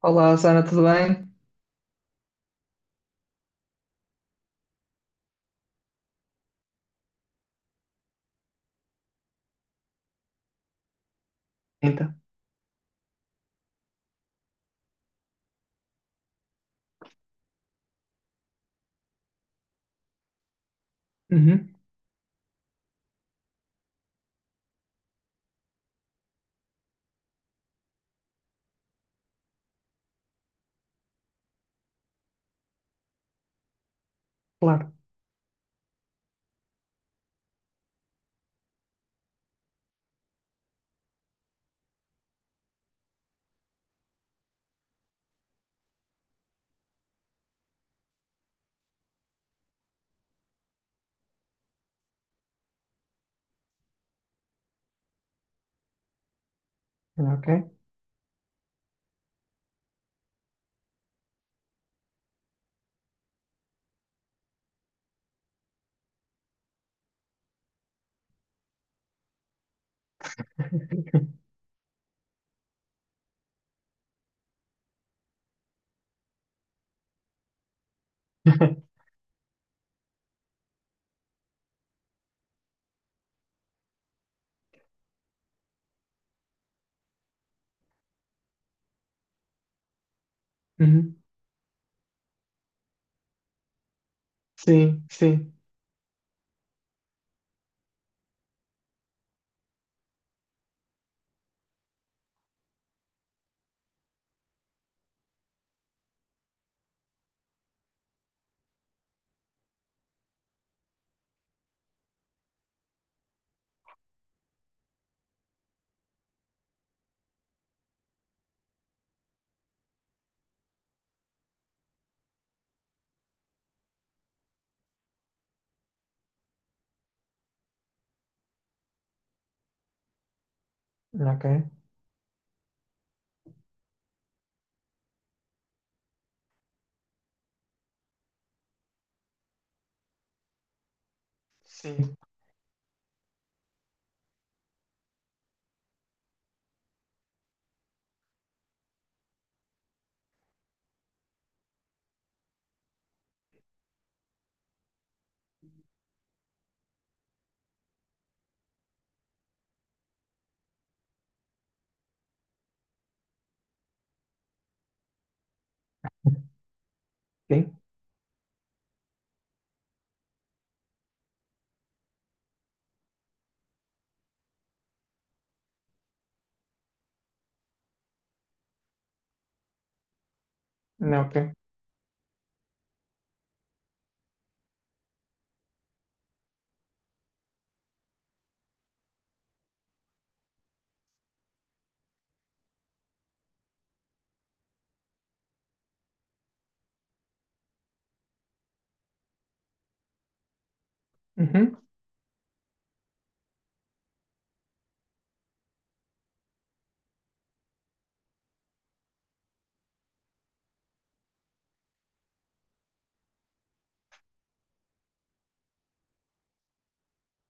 Olá, Sana, tudo bem? Então, uhum, claro, ok. Uhum, sim, sim, ok. Sim, sim, não, ok. Uhum,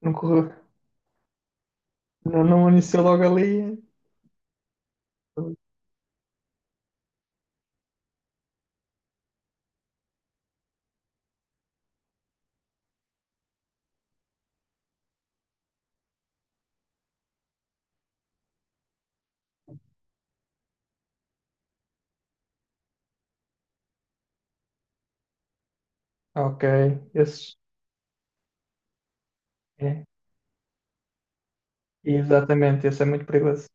não correu, não, não iniciou logo ali. Ok, esses, é, exatamente, esse é muito perigoso.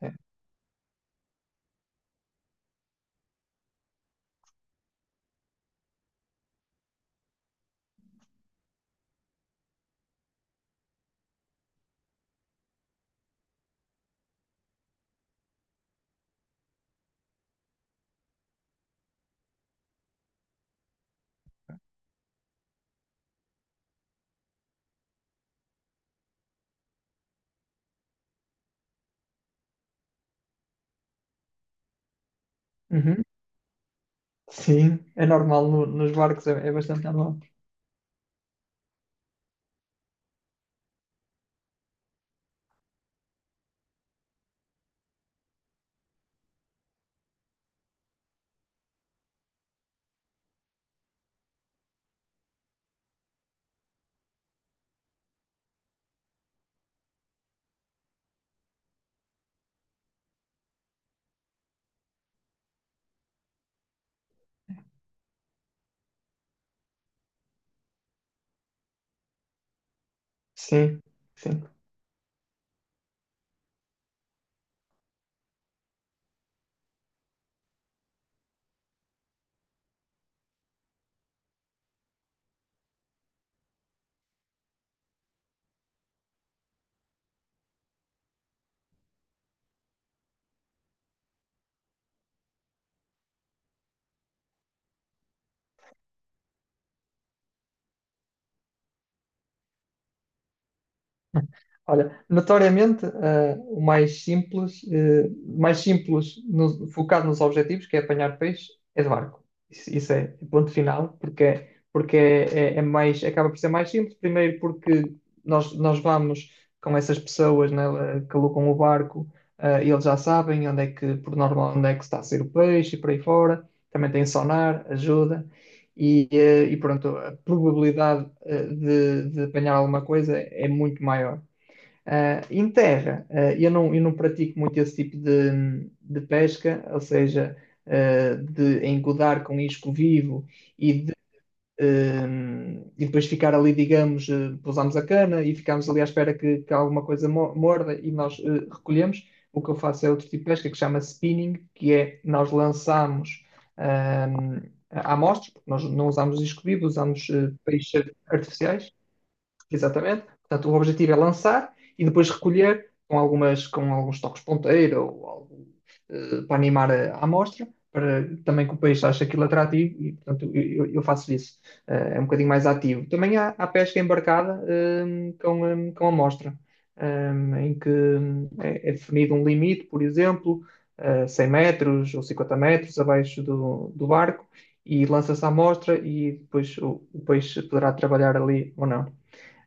É. Uhum, sim, é normal, nos barcos é, é bastante normal. Sim, sim. Olha, notoriamente, o mais simples, mais simples focado nos objetivos, que é apanhar peixe, é de barco. Isso é ponto final, porque, porque é, é mais, acaba por ser mais simples. Primeiro porque nós vamos com essas pessoas, né, que alugam o barco, e eles já sabem onde é que, por norma onde é que está a ser o peixe e por aí fora. Também tem sonar, ajuda. E, e pronto, a probabilidade de apanhar alguma coisa é muito maior. Ah, em terra, ah, eu não pratico muito esse tipo de pesca, ou seja, ah, de engodar com isco vivo e, de, ah, e depois ficar ali, digamos, ah, pousamos a cana e ficamos ali à espera que alguma coisa morda e nós ah, recolhemos. O que eu faço é outro tipo de pesca que chama spinning, que é nós lançamos ah, amostras, porque nós não usamos isco vivo, usamos ah, peixes artificiais. Exatamente. Portanto, o objetivo é lançar e depois recolher com algumas, com alguns toques ponteira ou algo para animar a amostra, para também que o peixe ache aquilo atrativo e, portanto, eu faço isso. Eh, é um bocadinho mais ativo. Também há, há pesca embarcada com, com amostra, eh, em que é, é definido um limite, por exemplo, 100 metros ou 50 metros abaixo do, do barco. E lança-se a amostra e depois o peixe poderá trabalhar ali ou não.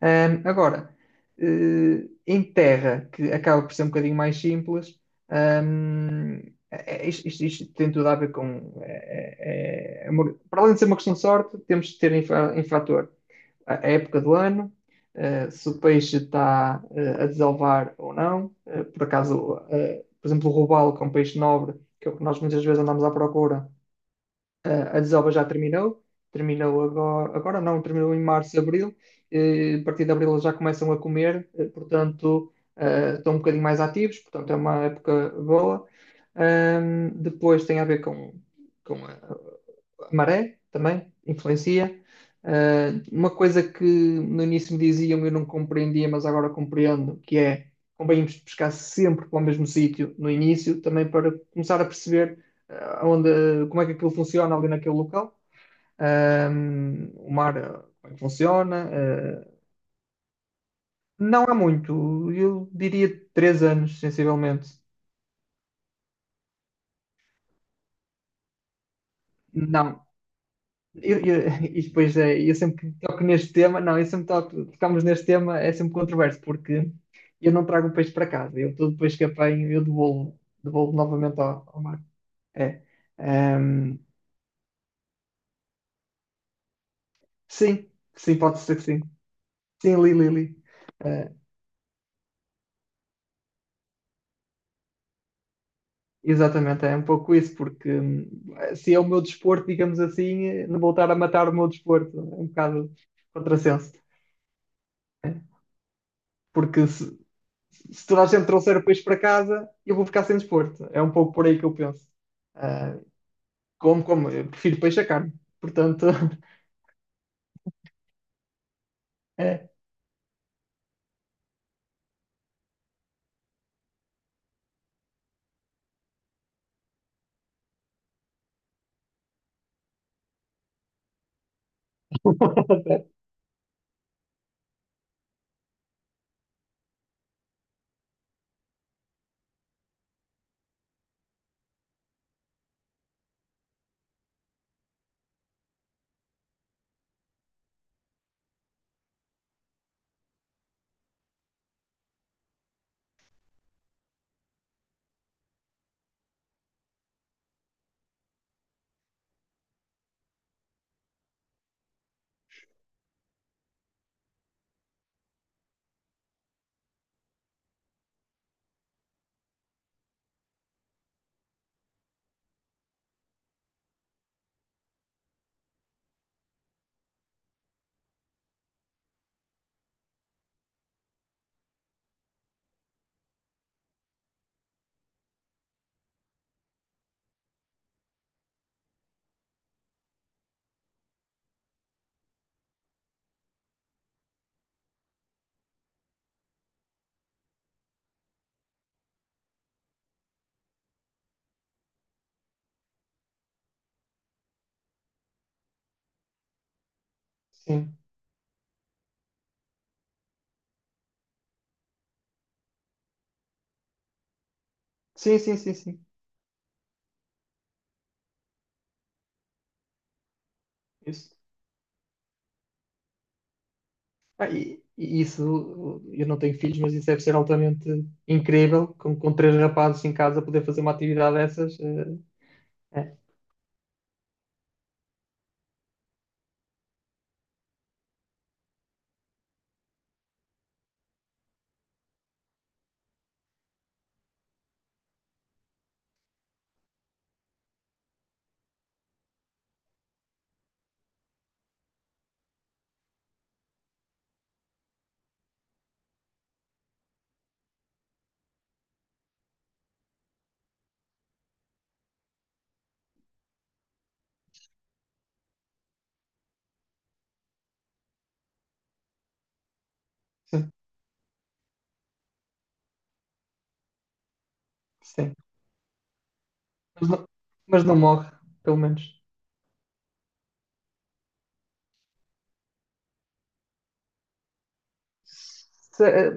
Agora, em terra, que acaba por ser um bocadinho mais simples, ahm, isto, isto tem tudo a ver com. É uma- para além de ser uma questão de sorte, temos de ter em, em fator a época do ano, se o peixe está a desalvar ou não. Eh, por acaso, por exemplo, o robalo, que é um peixe nobre, que é o que nós muitas vezes andamos à procura, a desova já terminou, terminou agora, agora não, terminou em março, abril, a partir de abril eles já começam a comer, portanto, estão um bocadinho mais ativos, portanto, é uma época boa. Depois tem a ver com a maré também influencia. Ah, uma coisa que no início me diziam e eu não compreendia, mas agora compreendo, que é convém irmos pescar sempre para o mesmo sítio no início, também para começar a perceber ah, onde, como é que aquilo funciona ali naquele local, ah, o mar, ah, como é que funciona. Ah, não há muito, eu diria três anos, sensivelmente. Não. Eu, e depois é, eu sempre que toco neste tema, não, eu sempre toco, tocamos neste tema, é sempre controverso, porque eu não trago o peixe para casa, eu todo o peixe que apanho, eu devolvo, devolvo novamente ao, ao mar. É. Ehm, sim, sim, pode ser que sim. Sim, li, li, li. Eh, exatamente, é um pouco isso, porque se é o meu desporto, digamos assim, não voltar a matar o meu desporto, é um bocado contrassenso. É. Porque se toda a gente trouxer o peixe para casa, eu vou ficar sem desporto. É um pouco por aí que eu penso. Ah, como, como? Eu prefiro peixe a carne. Portanto, é. Sim, sim, sim, sim, sim. Isso. Ah, e isso, eu não tenho filhos, mas isso deve ser altamente incrível, com três rapazes em casa poder fazer uma atividade dessas. Eh, é, sim, sim. Mas não, mas não morre, pelo menos. Se- eh,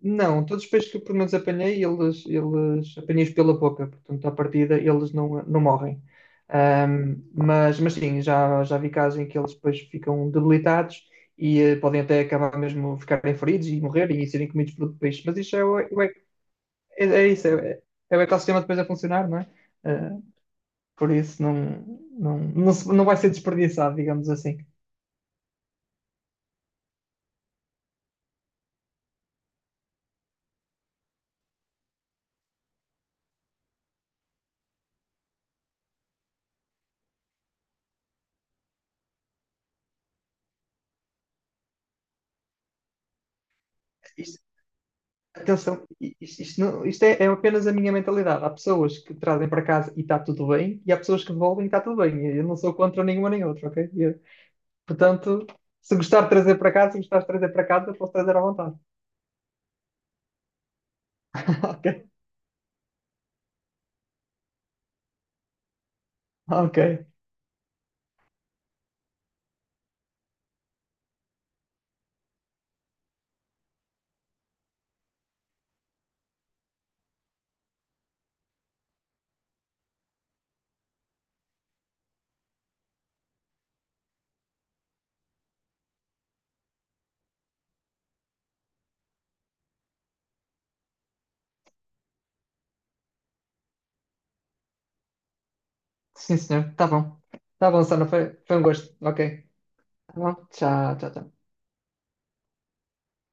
não, todos os peixes que eu pelo menos apanhei, eles apanhei-os pela boca, portanto, à partida, eles não, não morrem. Mas sim, já, já vi casos em que eles depois ficam debilitados e podem até acabar mesmo ficarem feridos e morrerem e serem comidos por outro peixe. Mas isso é, é, é, é isso, é, é o ecossistema depois a funcionar, não é? Ah, por isso não, não, não, não vai ser desperdiçado, digamos assim. Atenção, isto, isto isto é, é apenas a minha mentalidade. Há pessoas que trazem para casa e está tudo bem, e há pessoas que devolvem e está tudo bem. Eu não sou contra nenhuma nem outra, ok? Eu- portanto, se gostar de trazer para casa, se gostar de trazer para casa, posso trazer à vontade. Ok, ok. Sim, senhor. Tá bom. Tá bom, Sana. Foi, foi um gosto. Ok. Tá bom. Tchau, tchau, tchau.